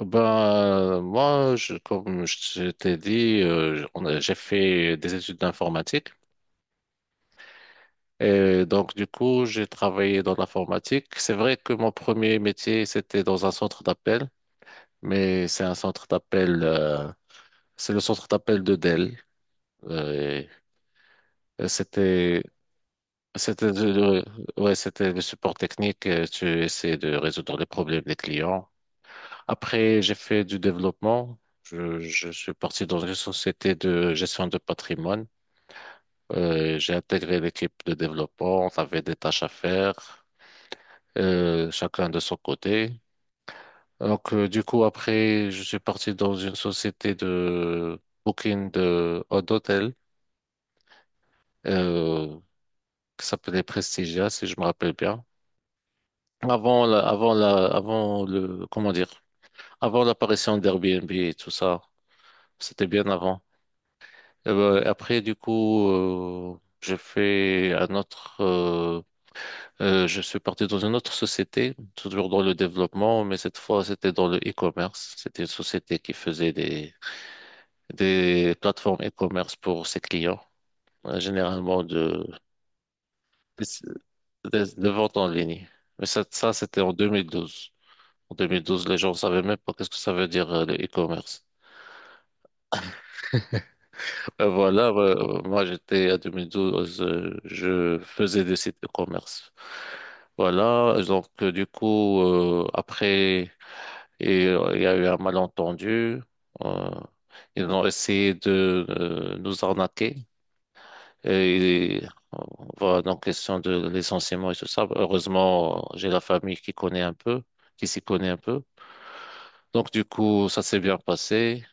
Ben, moi, comme je t'ai dit, j'ai fait des études d'informatique. Et donc, du coup, j'ai travaillé dans l'informatique. C'est vrai que mon premier métier, c'était dans un centre d'appel, mais c'est un centre d'appel, c'est le centre d'appel de Dell. Et euh, c'était, c'était, de- de- ouais, c'était le support technique. Tu essaies de résoudre les problèmes des clients. Après, j'ai fait du développement. Je suis parti dans une société de gestion de patrimoine. J'ai intégré l'équipe de développement. On avait des tâches à faire, chacun de son côté. Donc, du coup, après, je suis parti dans une société de booking de d'hôtel euh, qui s'appelait Prestigia, si je me rappelle bien. Avant la, avant la, avant le, comment dire, avant l'apparition d'Airbnb et tout ça, c'était bien avant. Après, du coup, j'ai fait un autre. Je suis parti dans une autre société, toujours dans le développement, mais cette fois, c'était dans le e-commerce. C'était une société qui faisait des plateformes e-commerce pour ses clients, généralement de vente en ligne. Mais ça c'était en 2012. En 2012, les gens ne savaient même pas qu'est-ce que ça veut dire le e-commerce. Voilà, moi j'étais à 2012, je faisais des sites de commerce. Voilà, donc du coup, après, et, il y a eu un malentendu. euh, Ils ont essayé de nous arnaquer. Et euh, voilà, donc question de licenciement et tout ça. Heureusement, j'ai la famille qui connaît un peu, qui s'y connaît un peu. Donc du coup, ça s'est bien passé.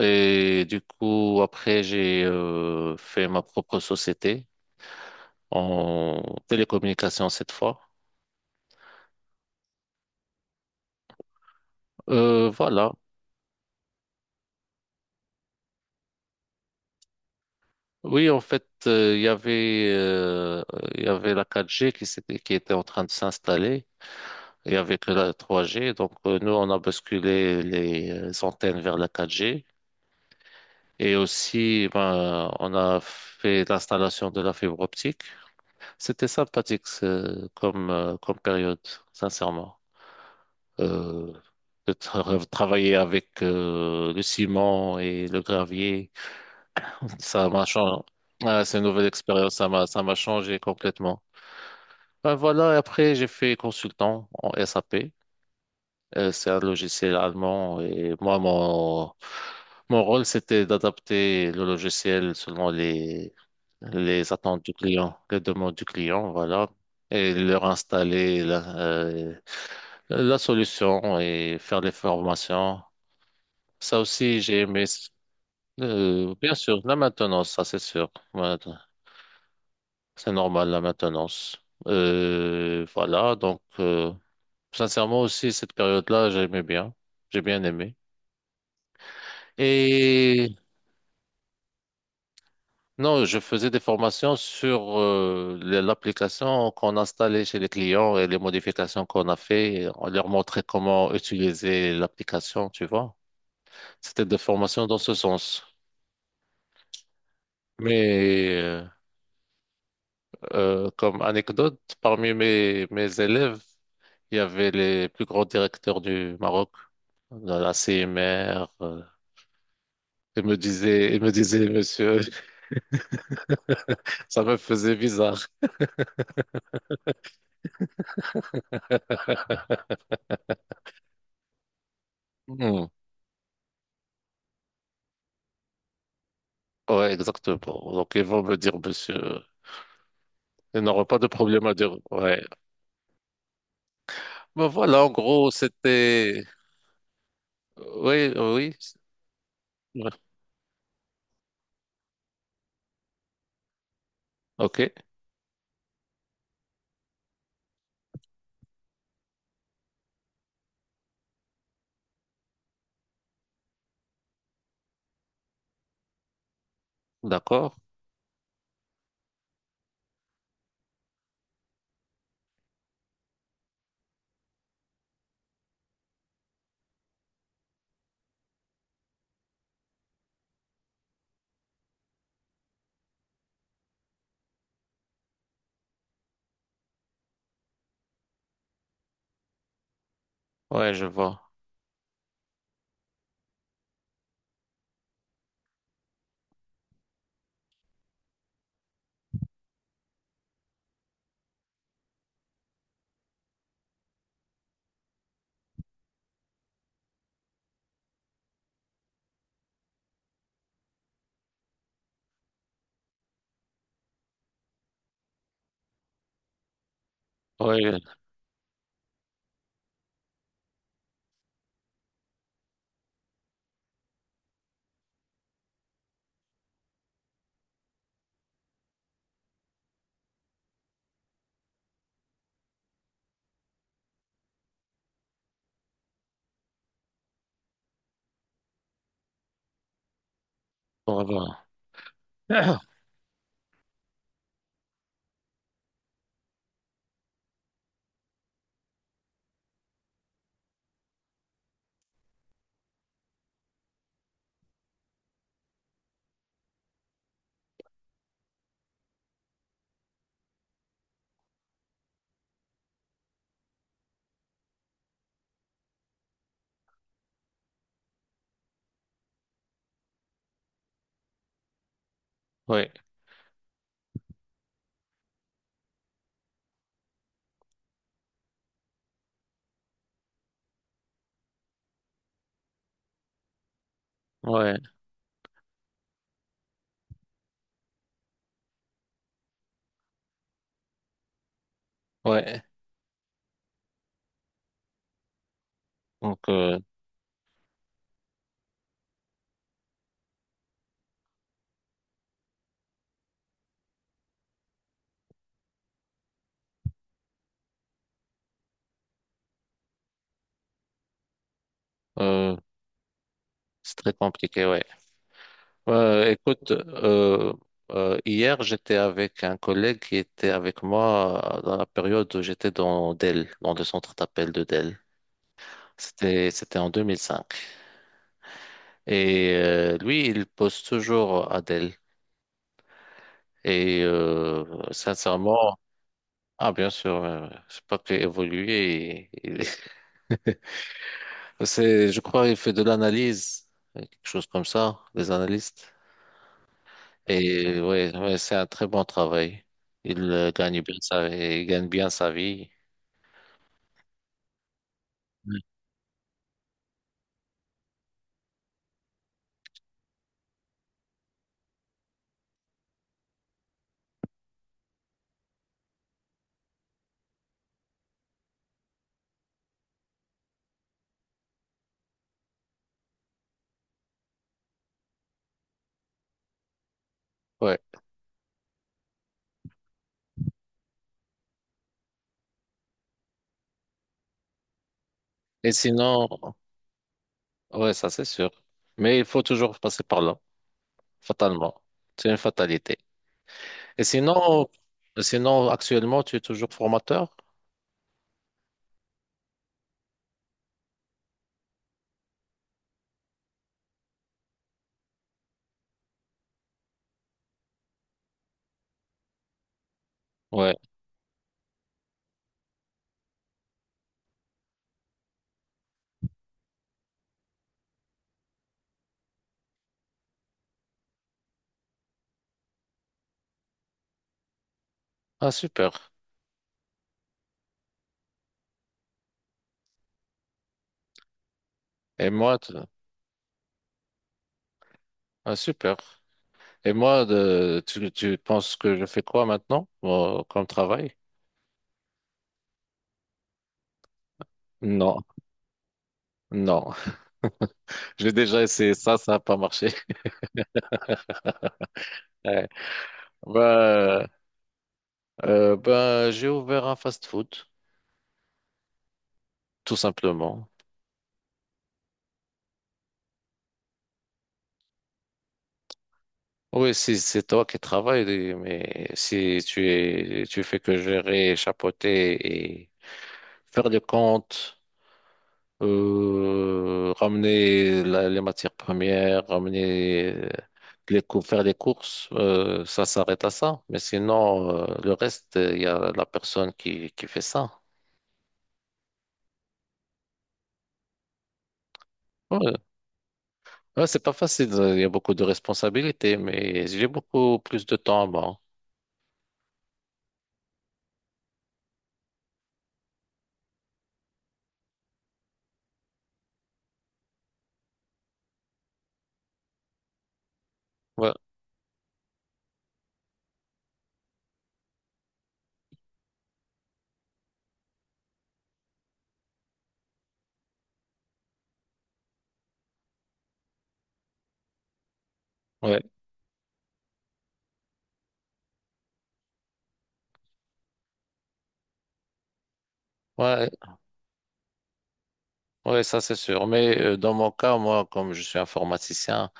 Et du coup, après, j'ai fait ma propre société en télécommunication cette fois. Voilà. Oui, en fait, il y avait la 4G qui était en train de s'installer. Il y avait que la 3G. Donc nous, on a basculé les antennes vers la 4G. Et aussi, ben, on a fait l'installation de la fibre optique. C'était sympathique comme période, sincèrement. euh, de travailler avec le ciment et le gravier. Ça m'a changé. Ah, c'est une nouvelle expérience, ça m'a changé complètement. Ben voilà, et après j'ai fait consultant en SAP. C'est un logiciel allemand et moi mon rôle c'était d'adapter le logiciel selon les attentes du client, les demandes du client, voilà, et leur installer la solution et faire des formations. Ça aussi, j'ai aimé. Bien sûr, la maintenance, ça c'est sûr. Voilà, c'est normal, la maintenance. Voilà, donc sincèrement aussi, cette période-là, j'aimais bien. J'ai bien aimé. Et non, je faisais des formations sur l'application qu'on installait chez les clients et les modifications qu'on a fait. On leur montrait comment utiliser l'application, tu vois. C'était des formations dans ce sens. Mais comme anecdote, parmi mes élèves, il y avait les plus grands directeurs du Maroc, la CMR. Ils me disaient, monsieur, ça me faisait bizarre. Hmm. Ouais, exactement. Donc, ils vont me dire, monsieur, ils n'auront pas de problème à dire. Ouais. Ben voilà, en gros, c'était. Oui, oui. Ouais. Ok, d'accord. Ouais, je vois. Ouais, on va voir. Ouais, ouais, ouais. Donc, euh, c'est très compliqué, ouais. Écoute, hier j'étais avec un collègue qui était avec moi dans la période où j'étais dans Dell, dans le centre d'appel de Dell. C'était en 2005. Et lui, il pose toujours à Dell. Et sincèrement, ah bien sûr, c'est pas qu'il évolue. C'est, je crois, il fait de l'analyse, quelque chose comme ça, des analystes. Et ouais, ouais, c'est un très bon travail. Il gagne bien sa vie. Mm. Ouais. Et sinon, ouais, ça c'est sûr. Mais il faut toujours passer par là, fatalement. C'est une fatalité. Et sinon, actuellement, tu es toujours formateur? Ouais. Ah, super. Et moi, ah, super. Et moi, tu penses que je fais quoi maintenant, comme travail? Non, non. J'ai déjà essayé ça, ça n'a pas marché. Ouais. Bah, bah, j'ai ouvert un fast-food, tout simplement. Oui, si c'est toi qui travailles, mais si tu es, tu fais que gérer, chapeauter et faire des comptes, ramener les matières premières, ramener les cours, faire des courses, ça s'arrête à ça. Mais sinon, le reste, il y a la personne qui fait ça. Ouais. Ouais, c'est pas facile, il y a beaucoup de responsabilités, mais j'ai beaucoup plus de temps à moi. Ouais, ouais, ouais, ouais, ça c'est sûr. Mais dans mon cas, moi, comme je suis informaticien,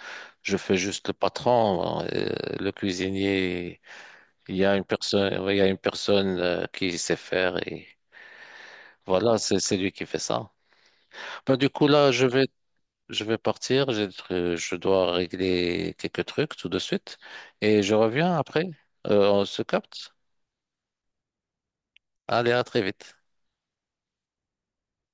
je fais juste le patron, le cuisinier. Il y a une personne, ouais, il y a une personne qui sait faire et voilà, c'est lui qui fait ça. Ben, du coup là, je vais partir. Je dois régler quelques trucs tout de suite et je reviens après. On se capte. Allez, à très vite.